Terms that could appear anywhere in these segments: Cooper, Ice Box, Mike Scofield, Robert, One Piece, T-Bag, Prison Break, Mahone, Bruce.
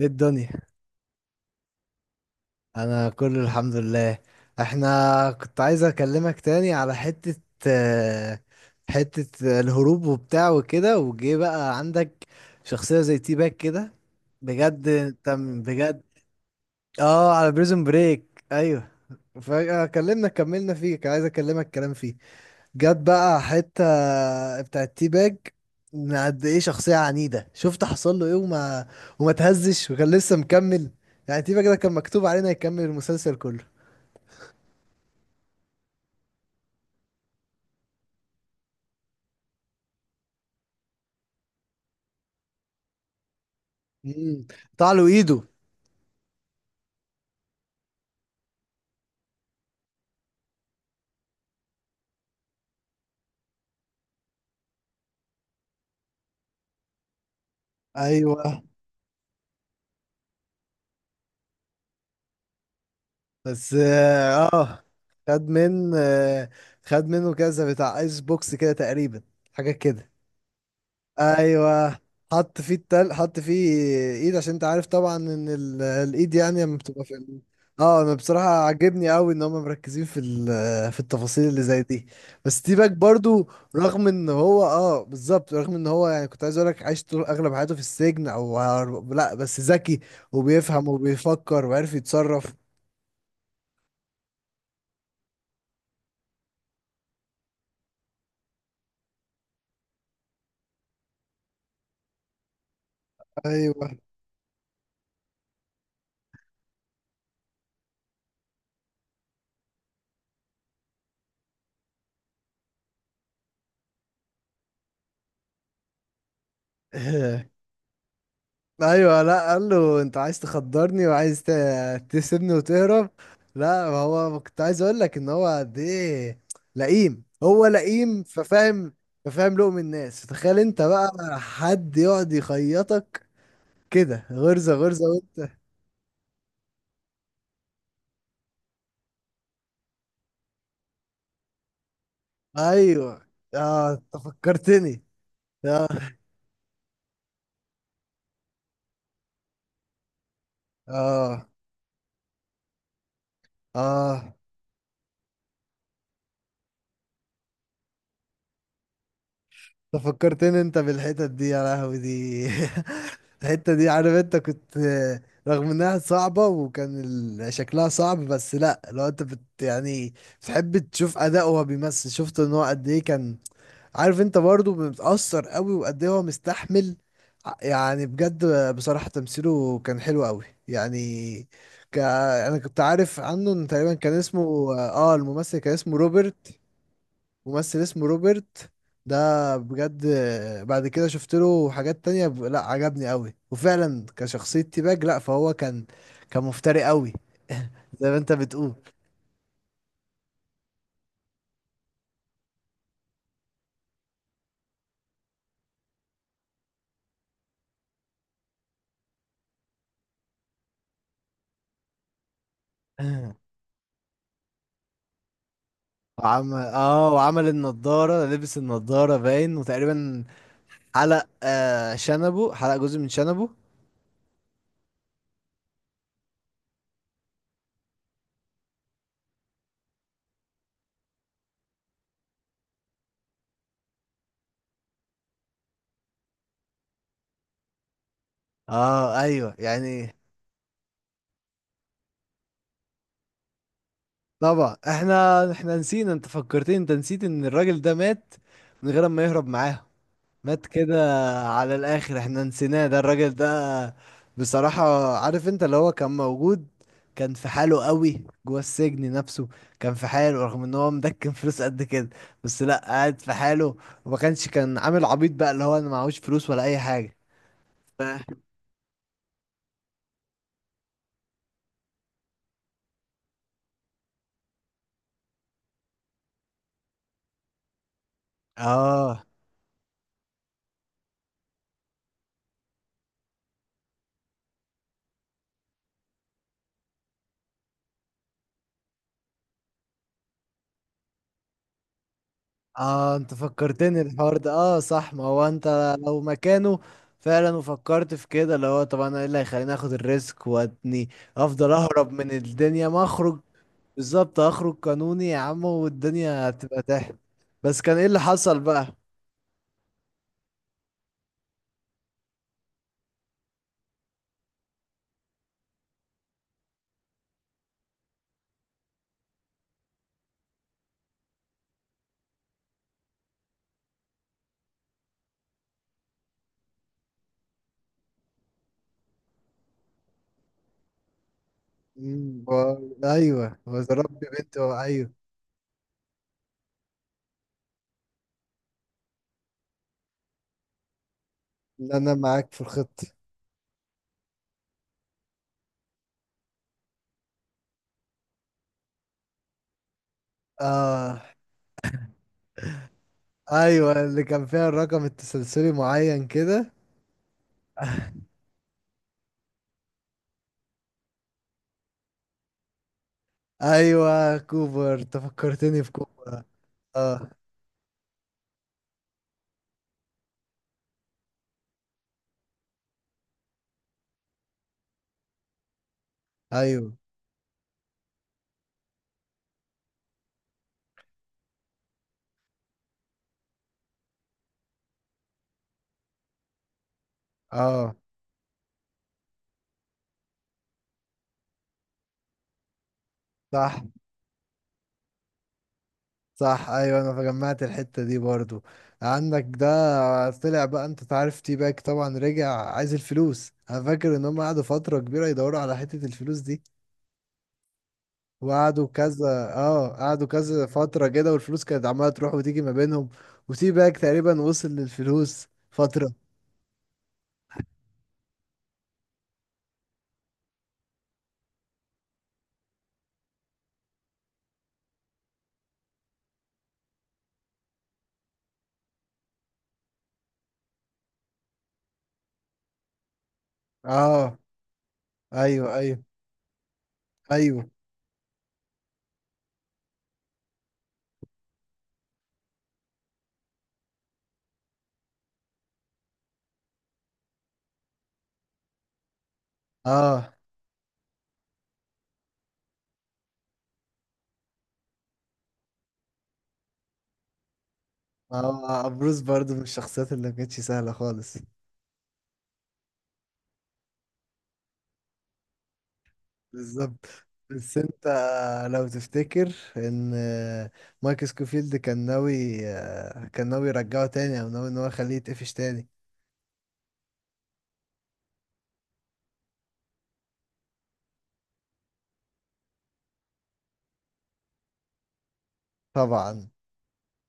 ايه الدنيا؟ انا كله الحمد لله. احنا كنت عايز اكلمك تاني على حتة، آه، حتة الهروب وبتاع وكده، وجه بقى عندك شخصية زي تي باك كده. بجد انت بجد. اه، على بريزون بريك، ايوه. فكلمنا كملنا فيه، كان عايز اكلمك كلام فيه. جت بقى حتة بتاعت تي باج، من قد ايه شخصية عنيدة. شفت حصل له ايه، وما تهزش وكان لسه مكمل. يعني تي باج ده كان مكتوب علينا يكمل المسلسل كله. امم قطع له ايده. ايوه، بس اه، خد من آه خد منه كذا بتاع ايس بوكس كده تقريبا، حاجة كده. ايوه، حط فيه حط فيه ايد، عشان انت عارف طبعا ان الايد يعني لما بتبقى في اه، انا بصراحه عاجبني قوي ان هم مركزين في في التفاصيل اللي زي دي. بس تي باك برضو، رغم ان هو اه، بالظبط، رغم ان هو يعني كنت عايز اقول لك عايش طول اغلب حياته في السجن او لا، بس ذكي وبيفهم وبيفكر وعارف يتصرف. ايوه. ايوه، لا، قال له انت عايز تخدرني وعايز تسيبني وتهرب. لا، ما هو ما كنت عايز اقول لك ان هو قد ايه لئيم. هو لئيم ففاهم، ففاهم لقم الناس. تخيل انت بقى حد يقعد يخيطك كده، غرزة غرزة وانت. ايوه، اه، انت فكرتني. اه، اه، اه، ده فكرتني انت بالحتت دي، يا لهوي دي. الحتة دي عارف انت كنت، رغم انها صعبة، وكان شكلها صعب، بس لا، لو انت يعني بتحب تشوف اداءه وهو بيمثل، شفت ان هو قد ايه كان. عارف انت برضه بيتأثر قوي وقد ايه هو مستحمل، يعني بجد، بصراحة تمثيله كان حلو قوي يعني. انا كنت عارف عنه ان تقريبا كان اسمه اه، الممثل كان اسمه روبرت. ممثل اسمه روبرت ده، بجد، بعد كده شفت له حاجات تانية لا، عجبني قوي، وفعلا كشخصية تيباج، لا فهو كان كان مفتري قوي، زي ما انت بتقول. وعمل اه، وعمل النضارة، لبس النضارة باين، وتقريبا حلق شنبه، حلق جزء من شنبه. اه ايوه يعني. طبعا احنا نسينا، انت فكرتني، انت نسيت ان الراجل ده مات من غير ما يهرب معاهم، مات كده. على الاخر احنا نسيناه ده الراجل ده، بصراحة. عارف انت اللي هو كان موجود، كان في حاله قوي جوه السجن نفسه. كان في حاله رغم ان هو مدكن فلوس قد كده، بس لا، قاعد في حاله. وما كانش كان عامل عبيط بقى، اللي هو انا معهوش فلوس ولا اي حاجة. فاهم. اه، اه، انت فكرتني الحوار ده، اه صح، ما هو انت لو مكانه فعلا، وفكرت في كده، اللي هو طب انا ايه اللي هيخليني اخد الريسك واتني؟ افضل اهرب من الدنيا ما اخرج. بالظبط، اخرج قانوني يا عم، والدنيا هتبقى تحت. بس كان ايه اللي حصل بقى؟ ايوه، وضربت بنت، ايوه. لا، انا معاك في الخطه. اه ايوه، اللي كان فيها الرقم التسلسلي معين كده. ايوه كوبر، تفكرتني في كوبر. اه ايوه، اه صح، صح ايوه. انا فجمعت الحته دي برضو عندك، ده طلع بقى انت تعرف. تي باك طبعا رجع عايز الفلوس، انا فاكر ان هم قعدوا فتره كبيره يدوروا على حته الفلوس دي. وقعدوا كذا اه، قعدوا كذا فتره كده، والفلوس كانت عماله تروح وتيجي ما بينهم، وتي باك تقريبا وصل للفلوس فتره. اه. ايوه، ايوه، ايوه. اه، اه، بروس برضو من الشخصيات اللي ما كانتش سهله خالص. بالظبط. بس انت لو تفتكر ان مايك سكوفيلد كان ناوي، كان ناوي يرجعه تاني، او ناوي ان هو يخليه يتقفش تاني؟ طبعا،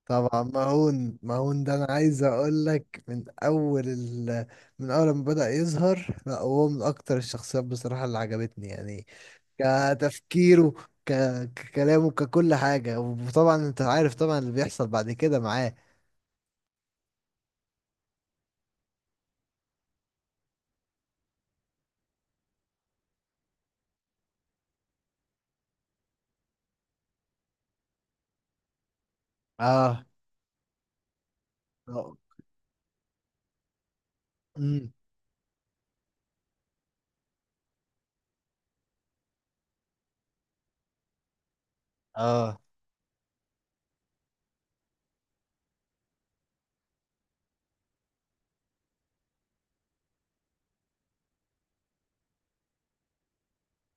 طبعا، مهون. مهون ده انا عايز اقول لك من اول من اول ما بدأ يظهر، لا هو من اكتر الشخصيات بصراحة اللي عجبتني يعني، كتفكيره، ك... ككلامه، ككل حاجة. وطبعا انت عارف طبعا اللي بيحصل بعد كده معاه. اه، اه. امم. اه.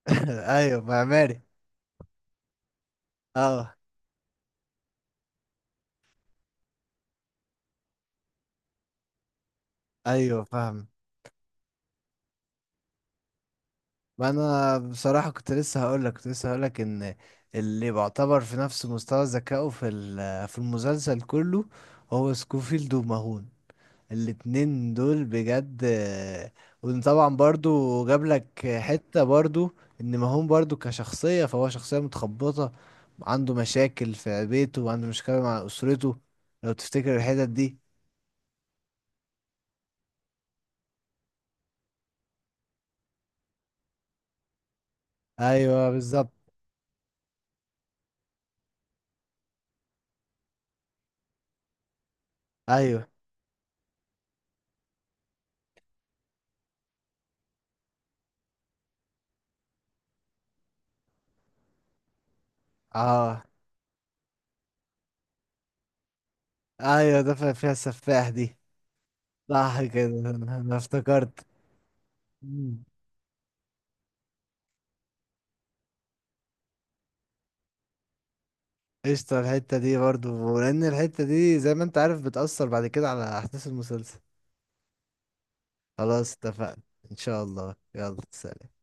ايوه معماري. اه ايوه فاهم. ما انا بصراحه كنت لسه هقول لك، كنت لسه هقول لك ان اللي بيعتبر في نفس مستوى ذكائه في في المسلسل كله هو سكوفيلد وماهون، الاتنين دول بجد. وطبعا برضو جاب لك حته برضو ان ماهون برضو كشخصيه، فهو شخصيه متخبطه، عنده مشاكل في بيته وعنده مشكله مع اسرته. لو تفتكر الحتت دي. ايوه بالظبط. ايوه اه ايوه، ده فيها السفاح دي. صح كده، انا افتكرت. مم. قشطة الحتة دي برضو، لأن الحتة دي زي ما انت عارف بتأثر بعد كده على أحداث المسلسل. خلاص اتفقنا، إن شاء الله. يلا سلام.